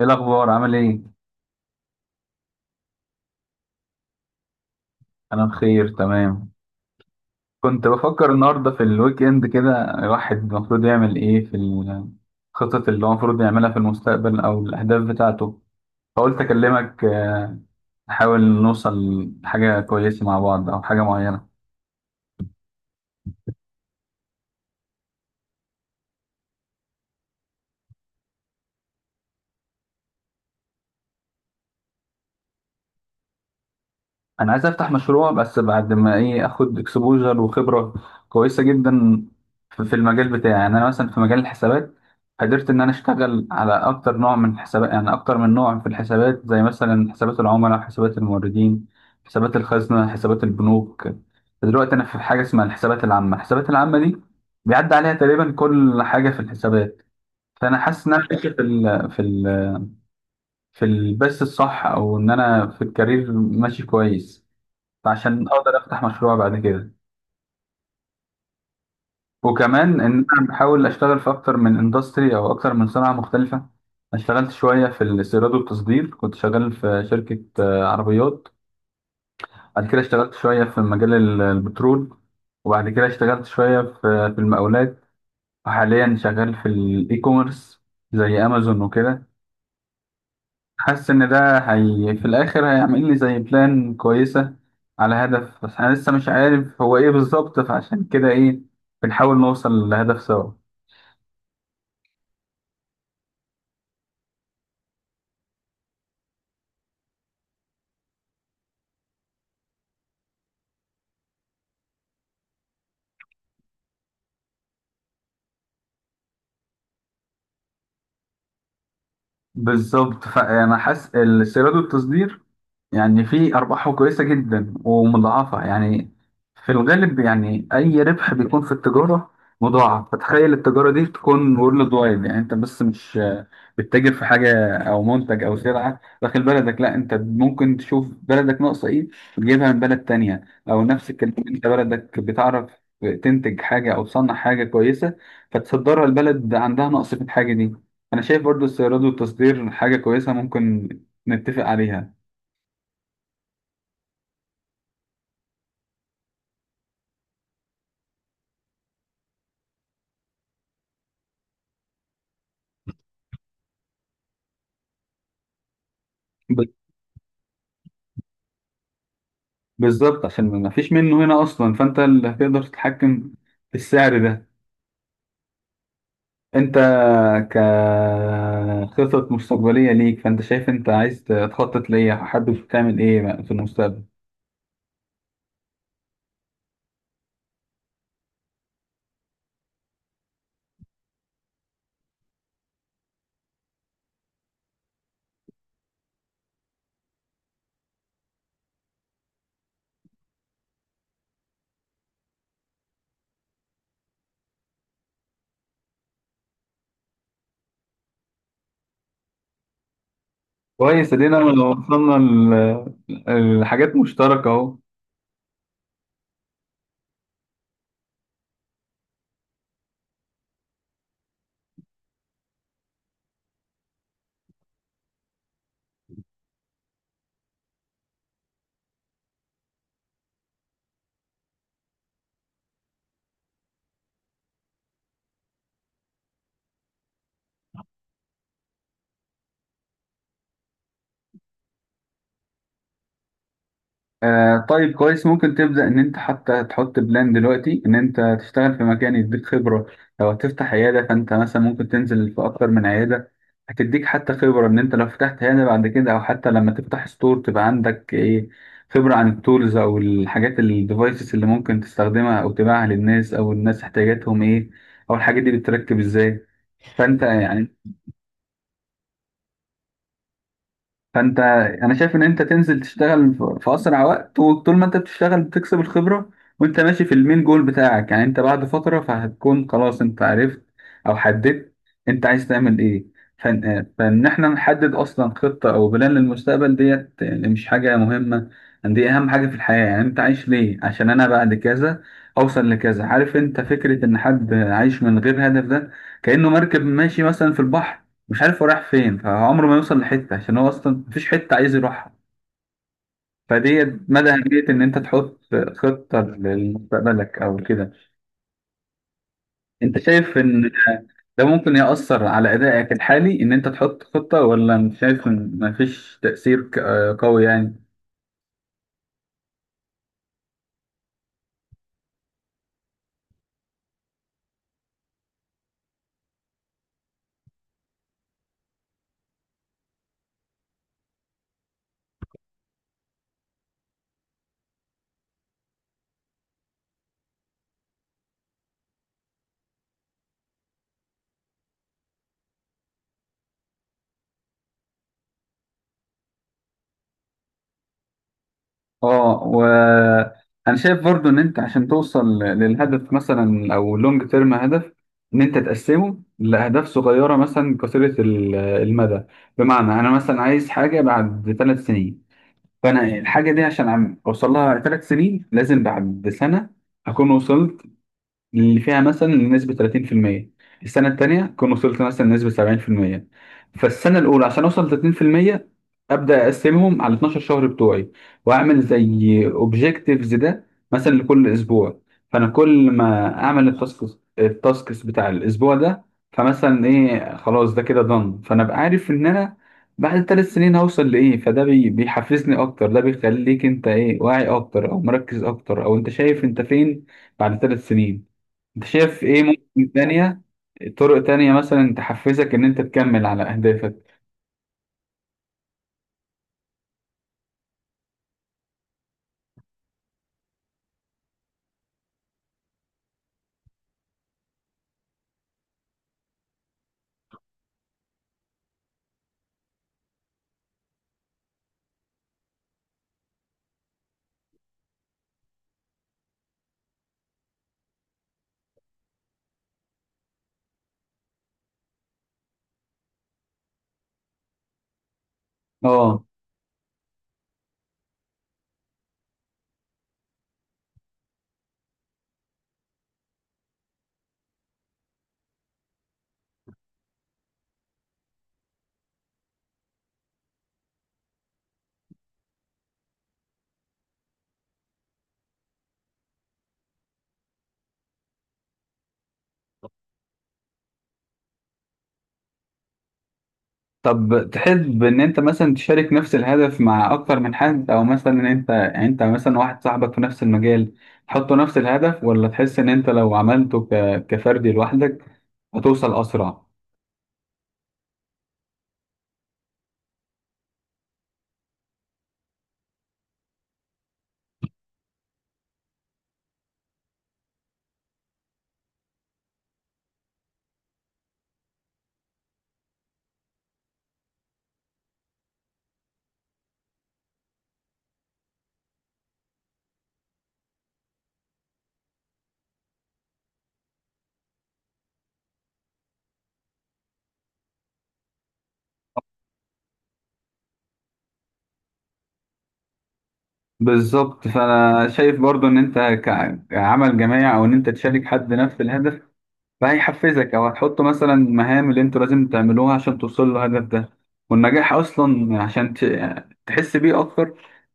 ايه الاخبار؟ عامل ايه؟ انا بخير، تمام. كنت بفكر النهارده في الويك اند كده، الواحد المفروض يعمل ايه في الخطط اللي هو المفروض يعملها في المستقبل او الاهداف بتاعته. فقلت اكلمك، نحاول نوصل لحاجه كويسه مع بعض او حاجه معينه. انا عايز افتح مشروع، بس بعد ما ايه اخد اكسبوجر وخبره كويسه جدا في المجال بتاعي. يعني انا مثلا في مجال الحسابات قدرت ان انا اشتغل على اكتر نوع من الحسابات، يعني اكتر من نوع في الحسابات، زي مثلا حسابات العملاء، حسابات الموردين، حسابات الخزنه، حسابات البنوك. دلوقتي انا في حاجه اسمها الحسابات العامه. الحسابات العامه دي بيعدي عليها تقريبا كل حاجه في الحسابات. فانا حاسس ان انا ماشي في البث الصح، او ان انا في الكارير ماشي كويس عشان اقدر افتح مشروع بعد كده. وكمان ان انا بحاول اشتغل في اكتر من اندستري او اكتر من صناعه مختلفه. أنا اشتغلت شويه في الاستيراد والتصدير، كنت شغال في شركه عربيات. بعد كده اشتغلت شويه في مجال البترول، وبعد كده اشتغلت شويه في المقاولات، وحاليا شغال في الاي كوميرس زي امازون وكده. حاسس ان ده هي في الاخر هيعمل لي زي بلان كويسه على هدف، بس انا لسه مش عارف هو ايه بالظبط، فعشان كده ايه بنحاول نوصل لهدف سوا. بالظبط، فانا حاسس السيراد والتصدير يعني في أرباحه كويسة جدا ومضاعفة. يعني في الغالب يعني أي ربح بيكون في التجارة مضاعف، فتخيل التجارة دي تكون وورلد وايد. يعني أنت بس مش بتتاجر في حاجة أو منتج أو سلعة داخل بلدك، لا، أنت ممكن تشوف بلدك ناقصة إيه وتجيبها من بلد تانية، أو نفس الكلام أنت بلدك بتعرف تنتج حاجة أو تصنع حاجة كويسة فتصدرها البلد عندها نقص في الحاجة دي. أنا شايف برضو السيارات والتصدير حاجة كويسة ممكن نتفق عليها. بالظبط، عشان ما فيش منه هنا اصلا، فانت اللي هتقدر تتحكم في السعر ده. انت كخطط مستقبليه ليك، فانت شايف انت عايز تخطط ليه؟ حابب تعمل ايه في المستقبل؟ كويس، ادينا لو وصلنا لحاجات مشتركه اهو. آه طيب، كويس. ممكن تبدأ إن أنت حتى تحط بلان دلوقتي إن أنت تشتغل في مكان يديك خبرة. لو هتفتح عيادة فأنت مثلا ممكن تنزل في أكتر من عيادة، هتديك حتى خبرة إن أنت لو فتحت عيادة بعد كده، أو حتى لما تفتح ستور تبقى عندك إيه، خبرة عن التولز أو الحاجات الديفايسز اللي ممكن تستخدمها أو تبيعها للناس، أو الناس احتياجاتهم إيه، أو الحاجات دي بتتركب إزاي. فانت يعني فانت انا شايف ان انت تنزل تشتغل في في اسرع وقت، وطول ما انت بتشتغل بتكسب الخبره وانت ماشي في المين جول بتاعك. يعني انت بعد فتره فهتكون خلاص انت عرفت او حددت انت عايز تعمل ايه. فان احنا نحدد اصلا خطه او بلان للمستقبل، ديت يعني مش حاجه مهمه، يعني دي اهم حاجه في الحياه. يعني انت عايش ليه؟ عشان انا بعد كذا اوصل لكذا. عارف انت فكره ان حد عايش من غير هدف؟ ده كانه مركب ماشي مثلا في البحر مش عارف هو رايح فين، فعمره ما يوصل لحتة عشان هو أصلا مفيش حتة عايز يروحها. فدي مدى أهمية إن أنت تحط خطة لمستقبلك أو كده. أنت شايف إن ده ممكن يأثر على أدائك الحالي إن أنت تحط خطة، ولا مش شايف إن مفيش تأثير قوي يعني؟ اه، وانا شايف برضو ان انت عشان توصل للهدف، مثلا او لونج تيرم هدف، ان انت تقسمه لاهداف صغيره مثلا قصيره المدى. بمعنى انا مثلا عايز حاجه بعد 3 سنين، فانا الحاجه دي عشان عم اوصل لها 3 سنين، لازم بعد سنه اكون وصلت اللي فيها مثلا نسبة 30%، السنة التانية كنت وصلت مثلا لنسبة 70%. فالسنة الأولى عشان أوصل لتلاتين في المية، أبدأ أقسمهم على 12 شهر بتوعي، وأعمل زي أوبجيكتيفز ده مثلا لكل أسبوع. فأنا كل ما أعمل التاسكس، بتاع الأسبوع ده، فمثلا إيه، خلاص ده كده دن، فأنا أبقى عارف إن أنا بعد 3 سنين هوصل لإيه. فده بيحفزني أكتر، ده بيخليك أنت إيه، واعي أكتر أو مركز أكتر، أو أنت شايف أنت فين بعد 3 سنين. انت شايف ايه ممكن تانية، طرق تانية مثلا تحفزك ان انت تكمل على اهدافك؟ اه طب، تحب ان انت مثلا تشارك نفس الهدف مع اكتر من حد؟ او مثلا ان انت يعني انت مثلا واحد صاحبك في نفس المجال تحطوا نفس الهدف، ولا تحس ان انت لو عملته كفردي لوحدك هتوصل اسرع؟ بالظبط، فانا شايف برضو ان انت كعمل جماعي، او ان انت تشارك حد نفس الهدف فهيحفزك، او هتحط مثلا مهام اللي انتوا لازم تعملوها عشان توصلوا للهدف ده. والنجاح اصلا عشان تحس بيه اكتر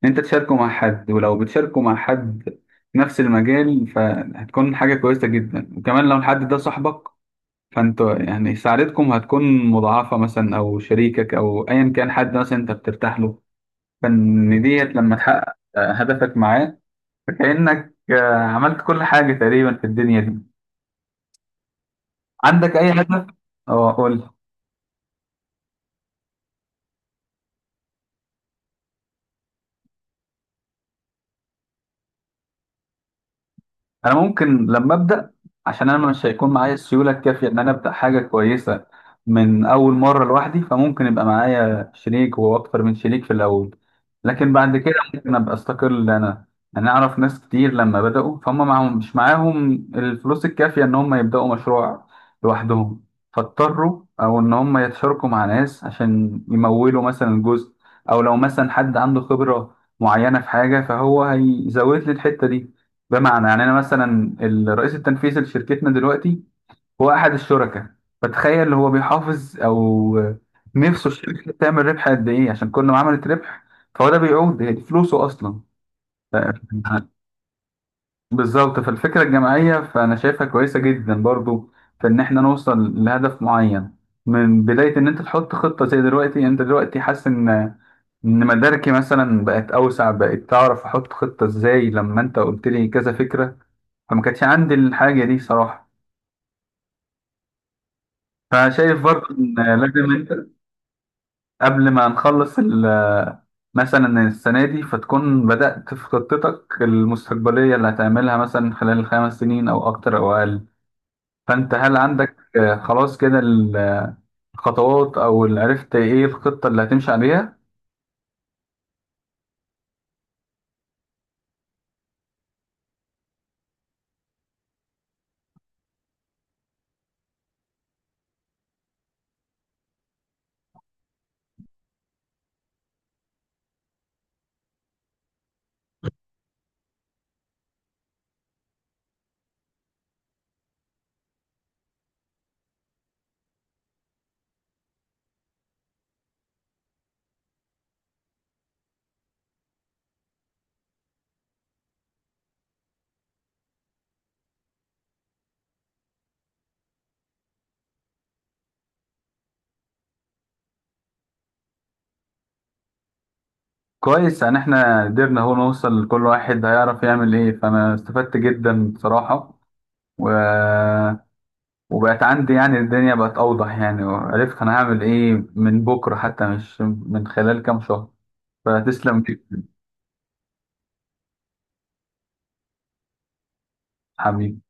ان انت تشاركه مع حد. ولو بتشاركه مع حد نفس المجال فهتكون حاجة كويسة جدا، وكمان لو الحد ده صاحبك فانتوا يعني سعادتكم هتكون مضاعفة. مثلا او شريكك او ايا كان حد مثلا انت بترتاح له، فان ديت لما تحقق هدفك معاه فكأنك عملت كل حاجة تقريبا في الدنيا دي. عندك اي هدف؟ اه قول. انا ممكن لما ابدا، عشان انا مش هيكون معايا السيوله الكافيه ان انا ابدا حاجه كويسه من اول مره لوحدي، فممكن يبقى معايا شريك واكتر من شريك في الاول، لكن بعد كده ممكن ابقى استقل انا. يعني اعرف ناس كتير لما بداوا فهم معاهم، مش معاهم الفلوس الكافيه ان هم يبداوا مشروع لوحدهم، فاضطروا او ان هم يتشاركوا مع ناس عشان يمولوا مثلا جزء. او لو مثلا حد عنده خبره معينه في حاجه فهو هيزود لي الحته دي. بمعنى يعني انا مثلا الرئيس التنفيذي لشركتنا دلوقتي هو احد الشركاء، فتخيل هو بيحافظ او نفسه الشركه تعمل ربح قد ايه، عشان كل ما عملت ربح فهو ده بيعود، هي دي فلوسه اصلا. ف- بالظبط، فالفكره الجماعيه فانا شايفها كويسه جدا برضو، في ان احنا نوصل لهدف معين من بدايه ان انت تحط خطه. زي دلوقتي انت دلوقتي حاسس ان ان مداركي مثلا بقت اوسع، بقت تعرف احط خطه ازاي لما انت قلت لي كذا فكره، فما كانتش عندي الحاجة دي صراحة. فشايف برضه إن لازم أنت قبل ما نخلص مثلا السنة دي، فتكون بدأت في خطتك المستقبلية اللي هتعملها مثلا خلال ال5 سنين أو أكتر أو أقل. فأنت هل عندك خلاص كده الخطوات، أو اللي عرفت إيه الخطة اللي هتمشي عليها؟ كويس، يعني إحنا قدرنا أهو نوصل لكل واحد هيعرف يعمل إيه. فأنا استفدت جدا بصراحة، و وبقت عندي يعني الدنيا بقت أوضح يعني، وعرفت أنا هعمل إيه من بكرة، حتى مش من خلال كام شهر. فتسلم جدا، حبيبي.